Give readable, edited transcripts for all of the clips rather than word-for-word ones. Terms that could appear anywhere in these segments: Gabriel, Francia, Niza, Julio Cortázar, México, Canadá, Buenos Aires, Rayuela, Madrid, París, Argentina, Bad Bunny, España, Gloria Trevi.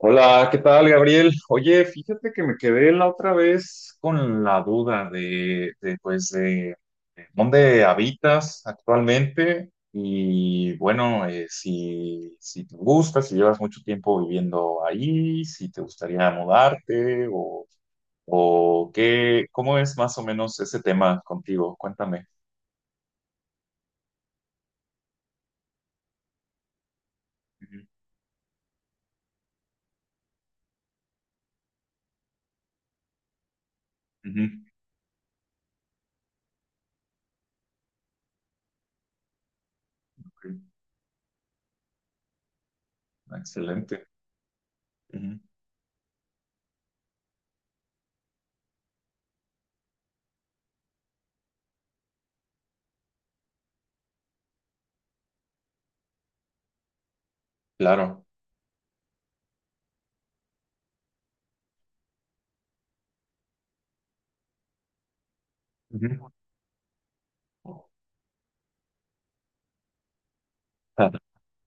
Hola, ¿qué tal, Gabriel? Oye, fíjate que me quedé la otra vez con la duda de dónde habitas actualmente y, bueno, si te gusta, si llevas mucho tiempo viviendo ahí, si te gustaría mudarte o qué, cómo es más o menos ese tema contigo. Cuéntame. Ujú, ujú. Ok. Excelente. Ujú. Claro. Ujú.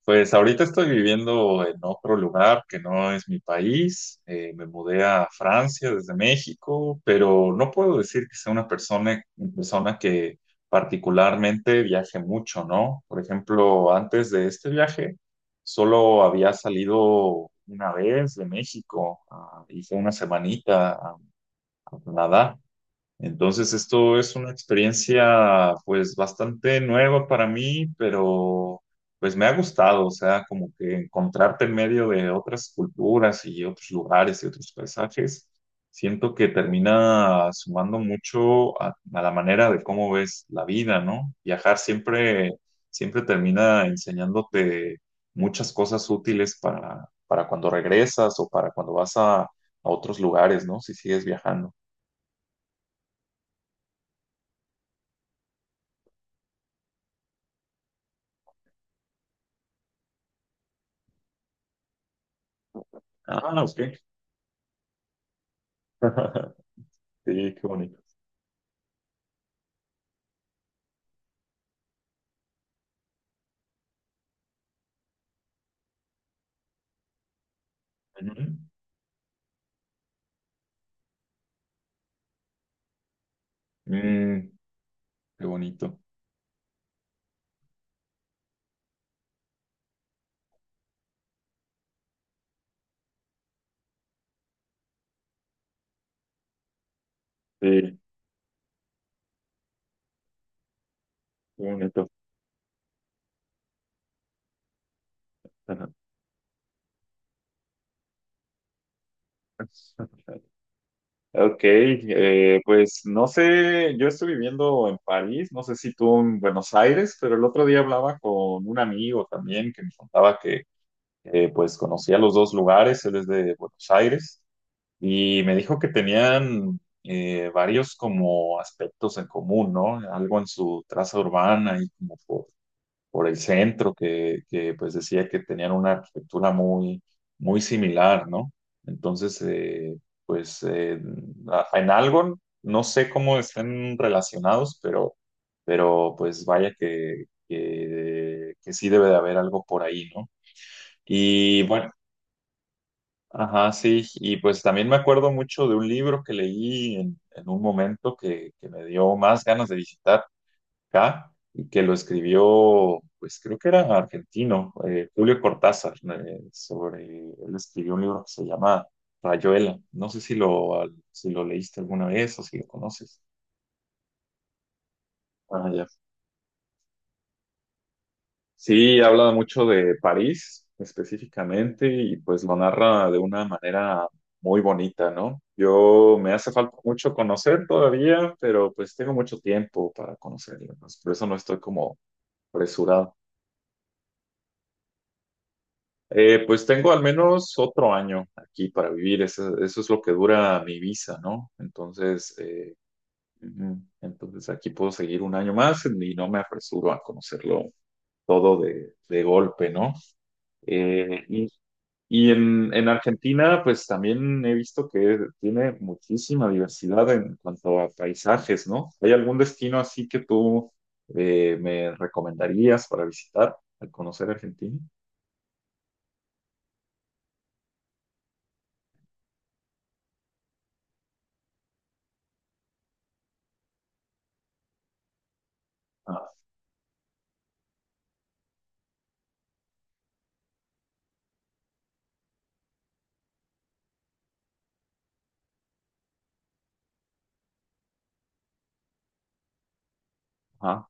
Pues ahorita estoy viviendo en otro lugar que no es mi país. Me mudé a Francia desde México, pero no puedo decir que sea una persona que particularmente viaje mucho, ¿no? Por ejemplo, antes de este viaje, solo había salido una vez de México, ah, y fue una semanita a Canadá. Entonces, esto es una experiencia pues bastante nueva para mí, pero pues me ha gustado, o sea, como que encontrarte en medio de otras culturas y otros lugares y otros paisajes, siento que termina sumando mucho a la manera de cómo ves la vida, ¿no? Viajar siempre, siempre termina enseñándote muchas cosas útiles para cuando regresas o para cuando vas a otros lugares, ¿no? Si sigues viajando. Ah, ok. Sí, qué bonito. Ujú. Mm, qué bonito. Sí, qué bonito. Ajá. Ok, pues no sé, yo estoy viviendo en París, no sé si tú en Buenos Aires, pero el otro día hablaba con un amigo también que me contaba que pues conocía los dos lugares, él es de Buenos Aires, y me dijo que tenían varios como aspectos en común, ¿no? Algo en su traza urbana y como por el centro, pues decía que tenían una arquitectura muy, muy similar, ¿no? Entonces, pues a- en algo, no sé cómo estén relacionados, pero pues vaya que sí debe de haber algo por ahí, ¿no? Y bueno, ajá, sí, y pues también me acuerdo mucho de un libro que leí en un momento que me dio más ganas de visitar acá, y que lo escribió, pues creo que era argentino, Julio Cortázar, sobre, él escribió un libro que se llama Rayuela. No sé si lo, al- si lo leíste alguna vez o si lo conoces. Ah, ya. Sí, habla mucho de París específicamente y pues lo narra de una manera muy bonita, ¿no? Yo me hace falta mucho conocer todavía, pero pues tengo mucho tiempo para conocerlo, pues, por eso no estoy como apresurado. Pues tengo al menos otro año aquí para vivir, eso es lo que dura mi visa, ¿no? Entonces, ujú, entonces aquí puedo seguir un año más y no me apresuro a conocerlo todo de golpe, ¿no? Eh, y y en Argentina, pues también he visto que tiene muchísima diversidad en cuanto a paisajes, ¿no? ¿Hay algún destino así que tú me recomendarías para visitar al conocer Argentina? Ah, ajá,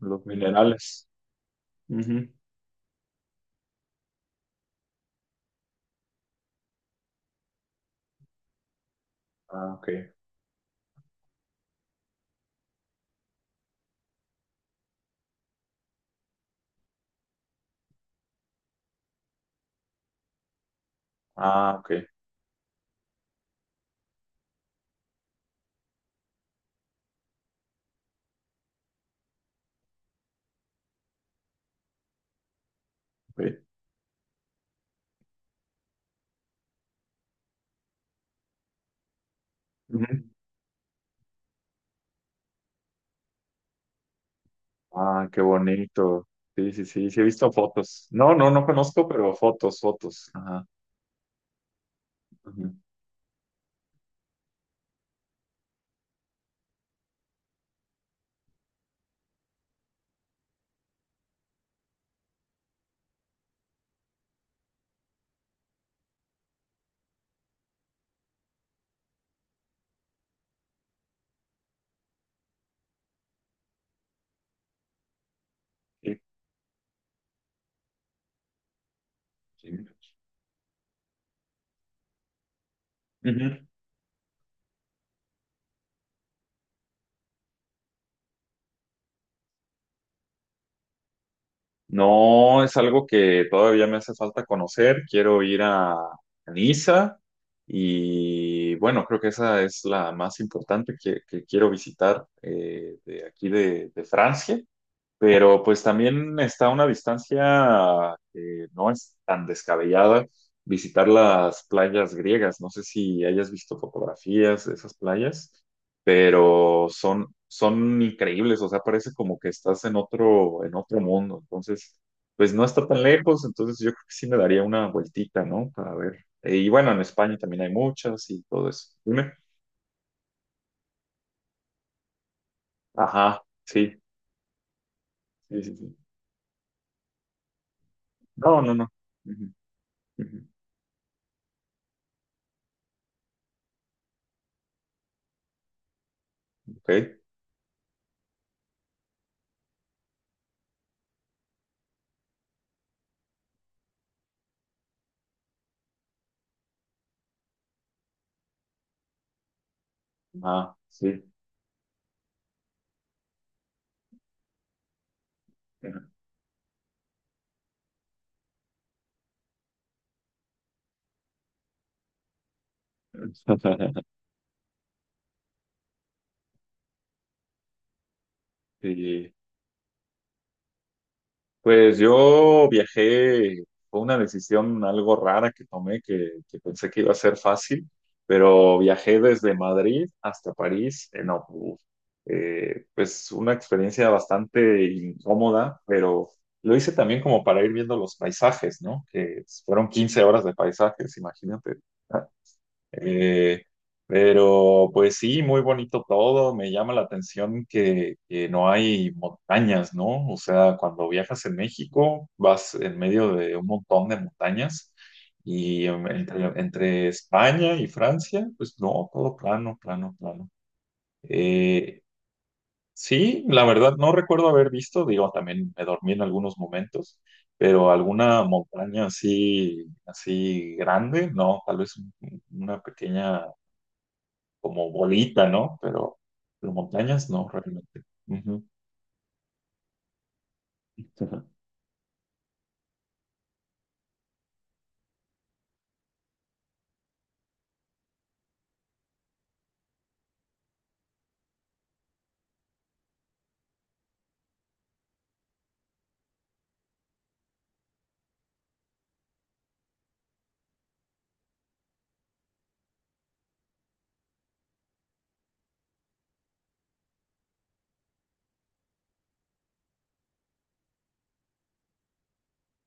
los minerales. Ujú. Ah, ok. Ah, ok. Ok. Ujú. Ah, qué bonito. Sí, sí, sí, sí, he visto fotos. No, no, no conozco, pero fotos, fotos. Ajá. Ujú. Sí, sí. Ujú. No, es algo que todavía me hace falta conocer. Quiero ir a Niza y bueno, creo que esa es la más importante que quiero visitar de aquí de Francia. Pero pues también está a una distancia que no es tan descabellada visitar las playas griegas. No sé si hayas visto fotografías de esas playas, pero son, son increíbles, o sea, parece como que estás en otro mundo. Entonces, pues no está tan lejos, entonces yo creo que sí me daría una vueltita, ¿no? Para ver. Y bueno, en España también hay muchas y todo eso. Dime. Ajá, sí, sí, sí, sí. No, no, no. Ujú, ujú. Ok. Ah, sí. Sí. Pues yo viajé, fue una decisión algo rara que tomé, que pensé que iba a ser fácil, pero viajé desde Madrid hasta París en autobús. Pues una experiencia bastante incómoda, pero lo hice también como para ir viendo los paisajes, ¿no? Que fueron 15 horas de paisajes, imagínate. Eh, pero pues sí, muy bonito todo. Me llama la atención que no hay montañas, ¿no? O sea, cuando viajas en México, vas en medio de un montón de montañas y entre España y Francia, pues no, todo plano, plano, plano. Eh, sí, la verdad no recuerdo haber visto, digo, también me dormí en algunos momentos, pero alguna montaña así, así grande, no, tal vez un- una pequeña como bolita, ¿no? Pero montañas no, realmente. Ujú.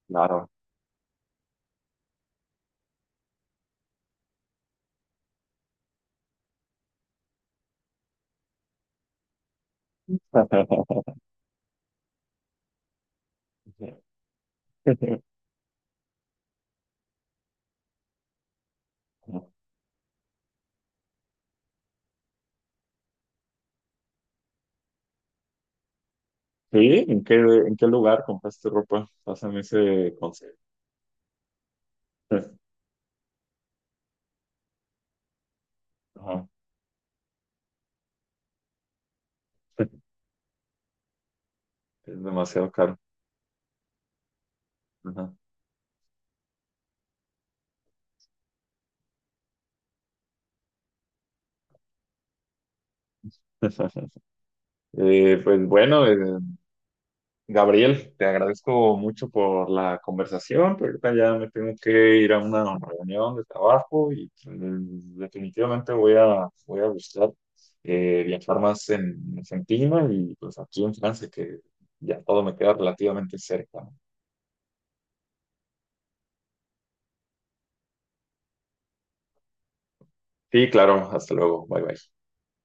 Claro. Sí, en qué lugar compraste ropa? Pásame ese consejo. Ajá. Es demasiado caro. Ajá. Pues bueno, Gabriel, te agradezco mucho por la conversación, pero ahorita ya me tengo que ir a una reunión de trabajo y mm, definitivamente voy a buscar viajar más en Argentina y pues aquí en Francia, que ya todo me queda relativamente cerca. Sí, claro, hasta luego, bye bye.